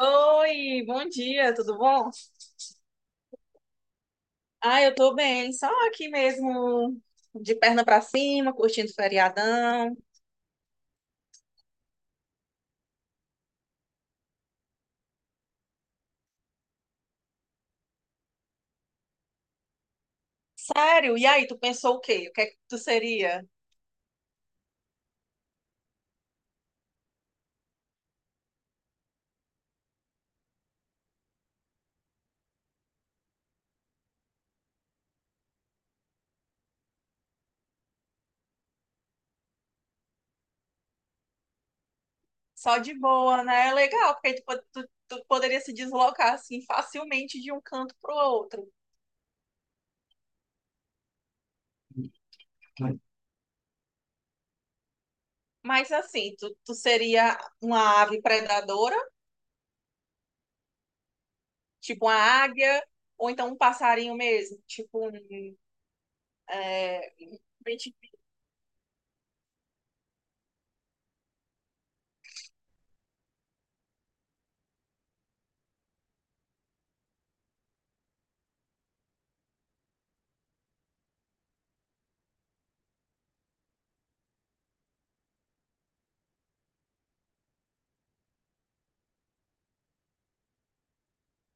Oi, bom dia, tudo bom? Ah, eu tô bem, só aqui mesmo, de perna pra cima, curtindo o feriadão. Sério? E aí, tu pensou o quê? O que é que tu seria? Só de boa, né? É legal, porque aí tu poderia se deslocar assim facilmente de um canto pro outro. Mas assim, tu seria uma ave predadora, tipo uma águia, ou então um passarinho mesmo, é, gente-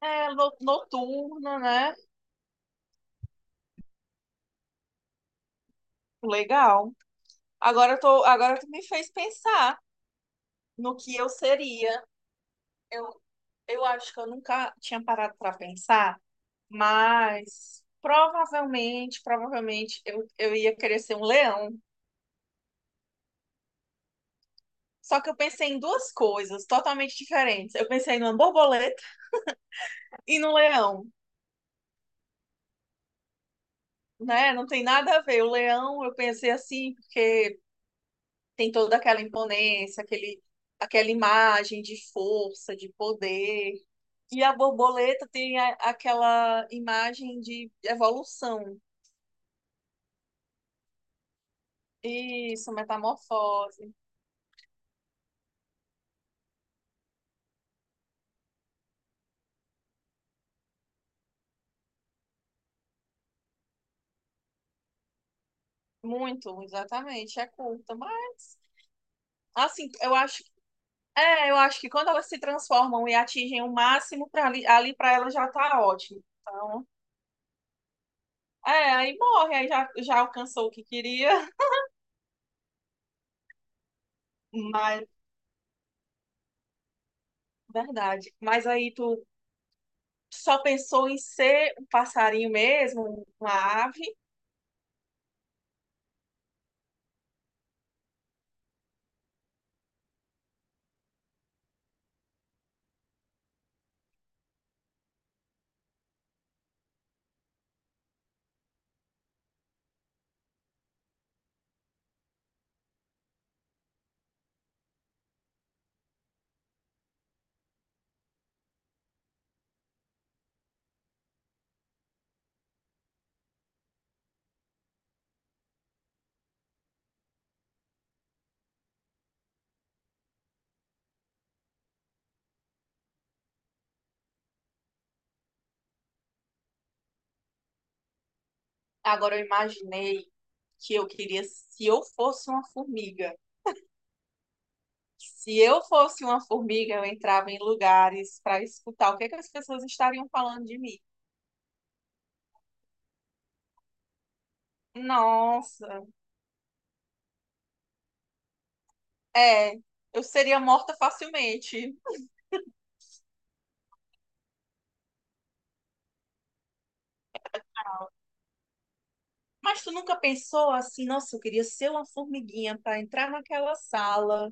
noturno, né? Legal. Agora tu me fez pensar no que eu seria. Eu, eu acho que eu nunca tinha parado para pensar, mas provavelmente eu ia querer ser um leão. Só que eu pensei em duas coisas totalmente diferentes. Eu pensei numa borboleta e no leão, né? Não tem nada a ver. O leão, eu pensei assim, porque tem toda aquela aquela imagem de força, de poder. E a borboleta tem aquela imagem de evolução. Isso, metamorfose. Muito, exatamente. É curta, mas assim, eu acho, eu acho que quando elas se transformam e atingem o máximo para ali, ali para elas já tá ótimo. Então, é, aí morre, aí já, já alcançou o que queria. Mas, verdade. Mas aí tu só pensou em ser um passarinho mesmo, uma ave. Agora eu imaginei que eu queria, se eu fosse uma formiga. Se eu fosse uma formiga, eu entrava em lugares para escutar o que é que as pessoas estariam falando de mim. Nossa, é, eu seria morta facilmente. Mas tu nunca pensou assim, nossa, eu queria ser uma formiguinha para entrar naquela sala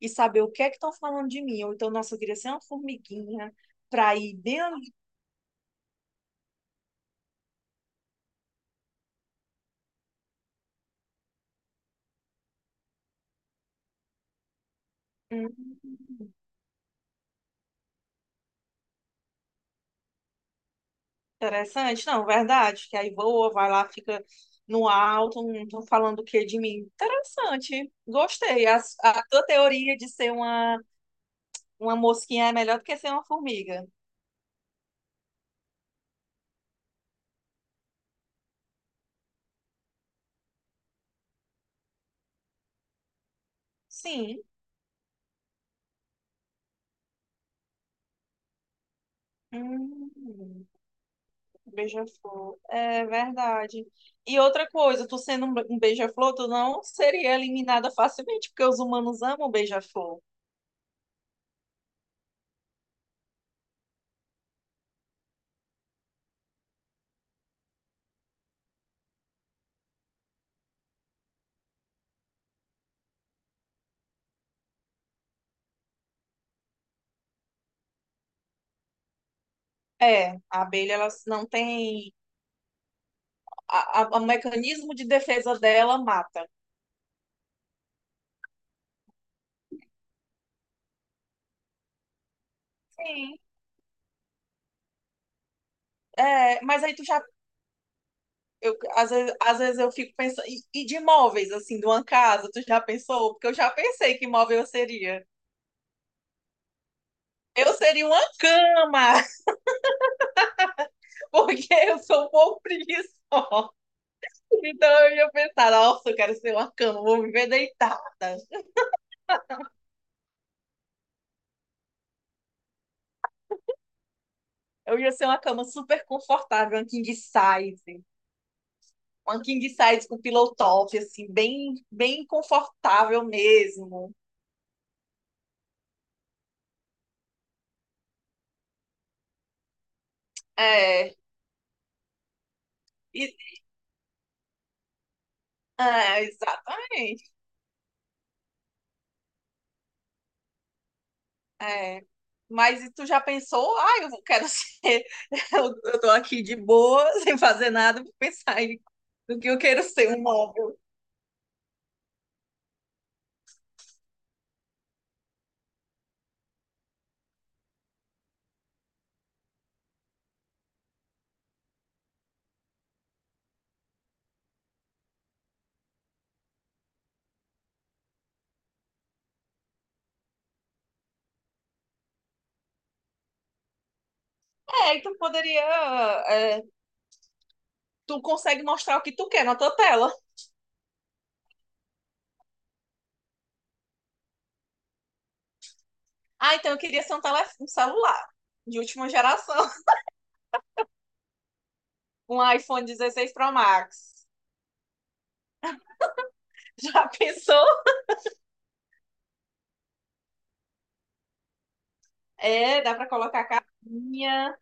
e saber o que é que estão falando de mim. Ou então, nossa, eu queria ser uma formiguinha para ir dentro. Hum. Interessante, não, verdade, que aí voa, vai lá, fica no alto, não estão falando o que de mim. Interessante, gostei. A tua teoria de ser uma mosquinha é melhor do que ser uma formiga. Sim, hum, beija-flor, é verdade. E outra coisa, tu sendo um beija-flor, tu não seria eliminada facilmente, porque os humanos amam beija-flor. É, a abelha, ela não tem... O mecanismo de defesa dela mata. Sim. É, mas aí tu já... às vezes eu fico pensando. E de móveis, assim, de uma casa, tu já pensou? Porque eu já pensei que móvel eu seria. Eu seria uma cama, porque eu sou um pouco preguiçosa. Então eu ia pensar, nossa, eu quero ser uma cama, vou viver deitada. Eu ia ser uma cama super confortável, uma king size. Uma king size com pillow top, assim, bem confortável mesmo. É, e- é, exatamente. É. Mas e tu já pensou? Ah, quero ser. Eu tô aqui de boa, sem fazer nada, vou pensar em do que eu quero ser, um móvel. É, e tu poderia. É, tu consegue mostrar o que tu quer na tua tela. Ah, então eu queria ser um celular de última geração. Um iPhone 16 Pro Max. Já pensou? É, dá pra colocar capinha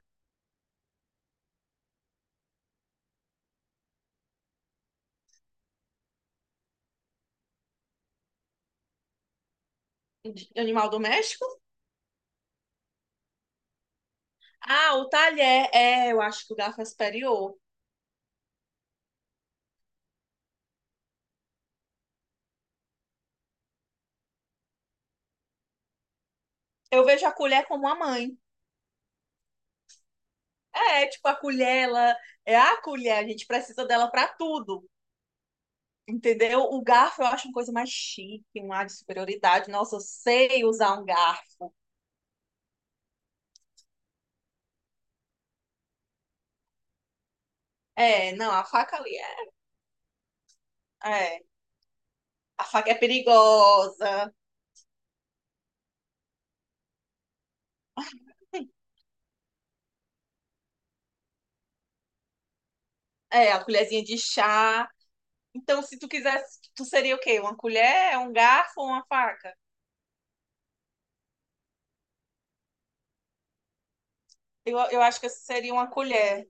de animal doméstico? Ah, o talher. É, eu acho que o garfo é superior. Eu vejo a colher como a mãe. É, tipo, a colher, ela é a colher, a gente precisa dela pra tudo, entendeu? O garfo eu acho uma coisa mais chique, um ar de superioridade. Nossa, eu sei usar um garfo. É, não, a faca ali é... É, a faca é perigosa. É, a colherzinha de chá. Então, se tu quisesse, tu seria o quê? Uma colher, um garfo ou uma faca? Eu acho que eu seria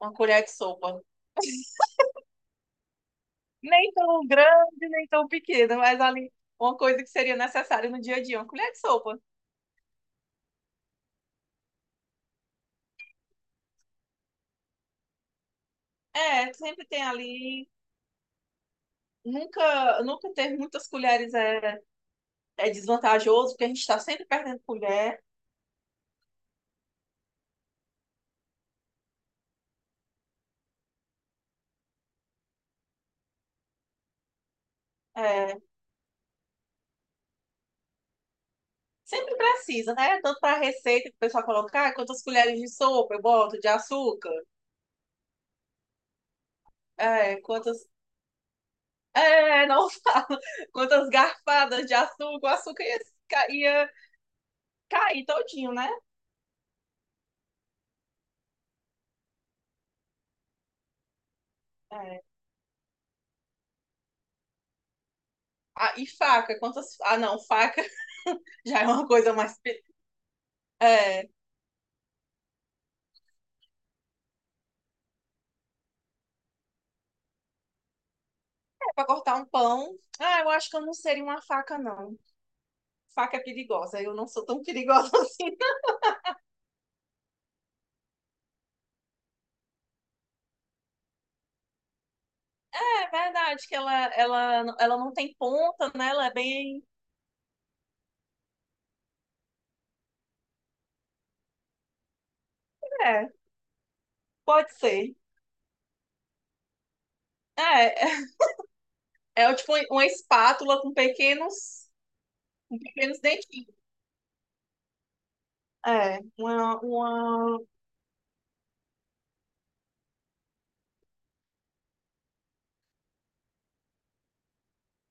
uma colher de sopa. Nem tão grande, nem tão pequena, mas ali uma coisa que seria necessária no dia a dia, uma colher de sopa. É, sempre tem ali. Nunca ter muitas colheres é desvantajoso, porque a gente está sempre perdendo colher. É, sempre precisa, né? Tanto para a receita que o pessoal colocar, ah, quantas colheres de sopa eu boto, de açúcar, é, quantas. É, não falo, quantas garfadas de açúcar, o açúcar ia, ia cair todinho, né? É. Ah, e faca, quantas. Ah, não, faca já é uma coisa mais... É, é para cortar um pão. Ah, eu acho que eu não seria uma faca, não. Faca perigosa. Eu não sou tão perigosa assim. É verdade que ela não tem ponta, né? Ela é bem... É, pode ser. É, é, é tipo uma espátula com pequenos dentinhos. É, uma...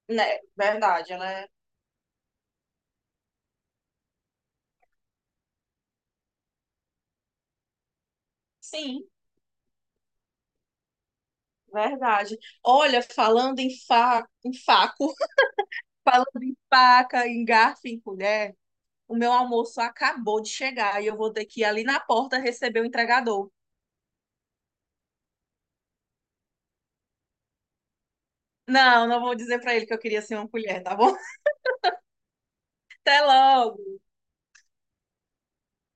Né, verdade, ela é. Sim, verdade. Olha, em faco, falando em faca, em garfo, em colher, o meu almoço acabou de chegar e eu vou ter que ir ali na porta receber o entregador. Não, não vou dizer pra ele que eu queria ser uma colher, tá bom? Até logo.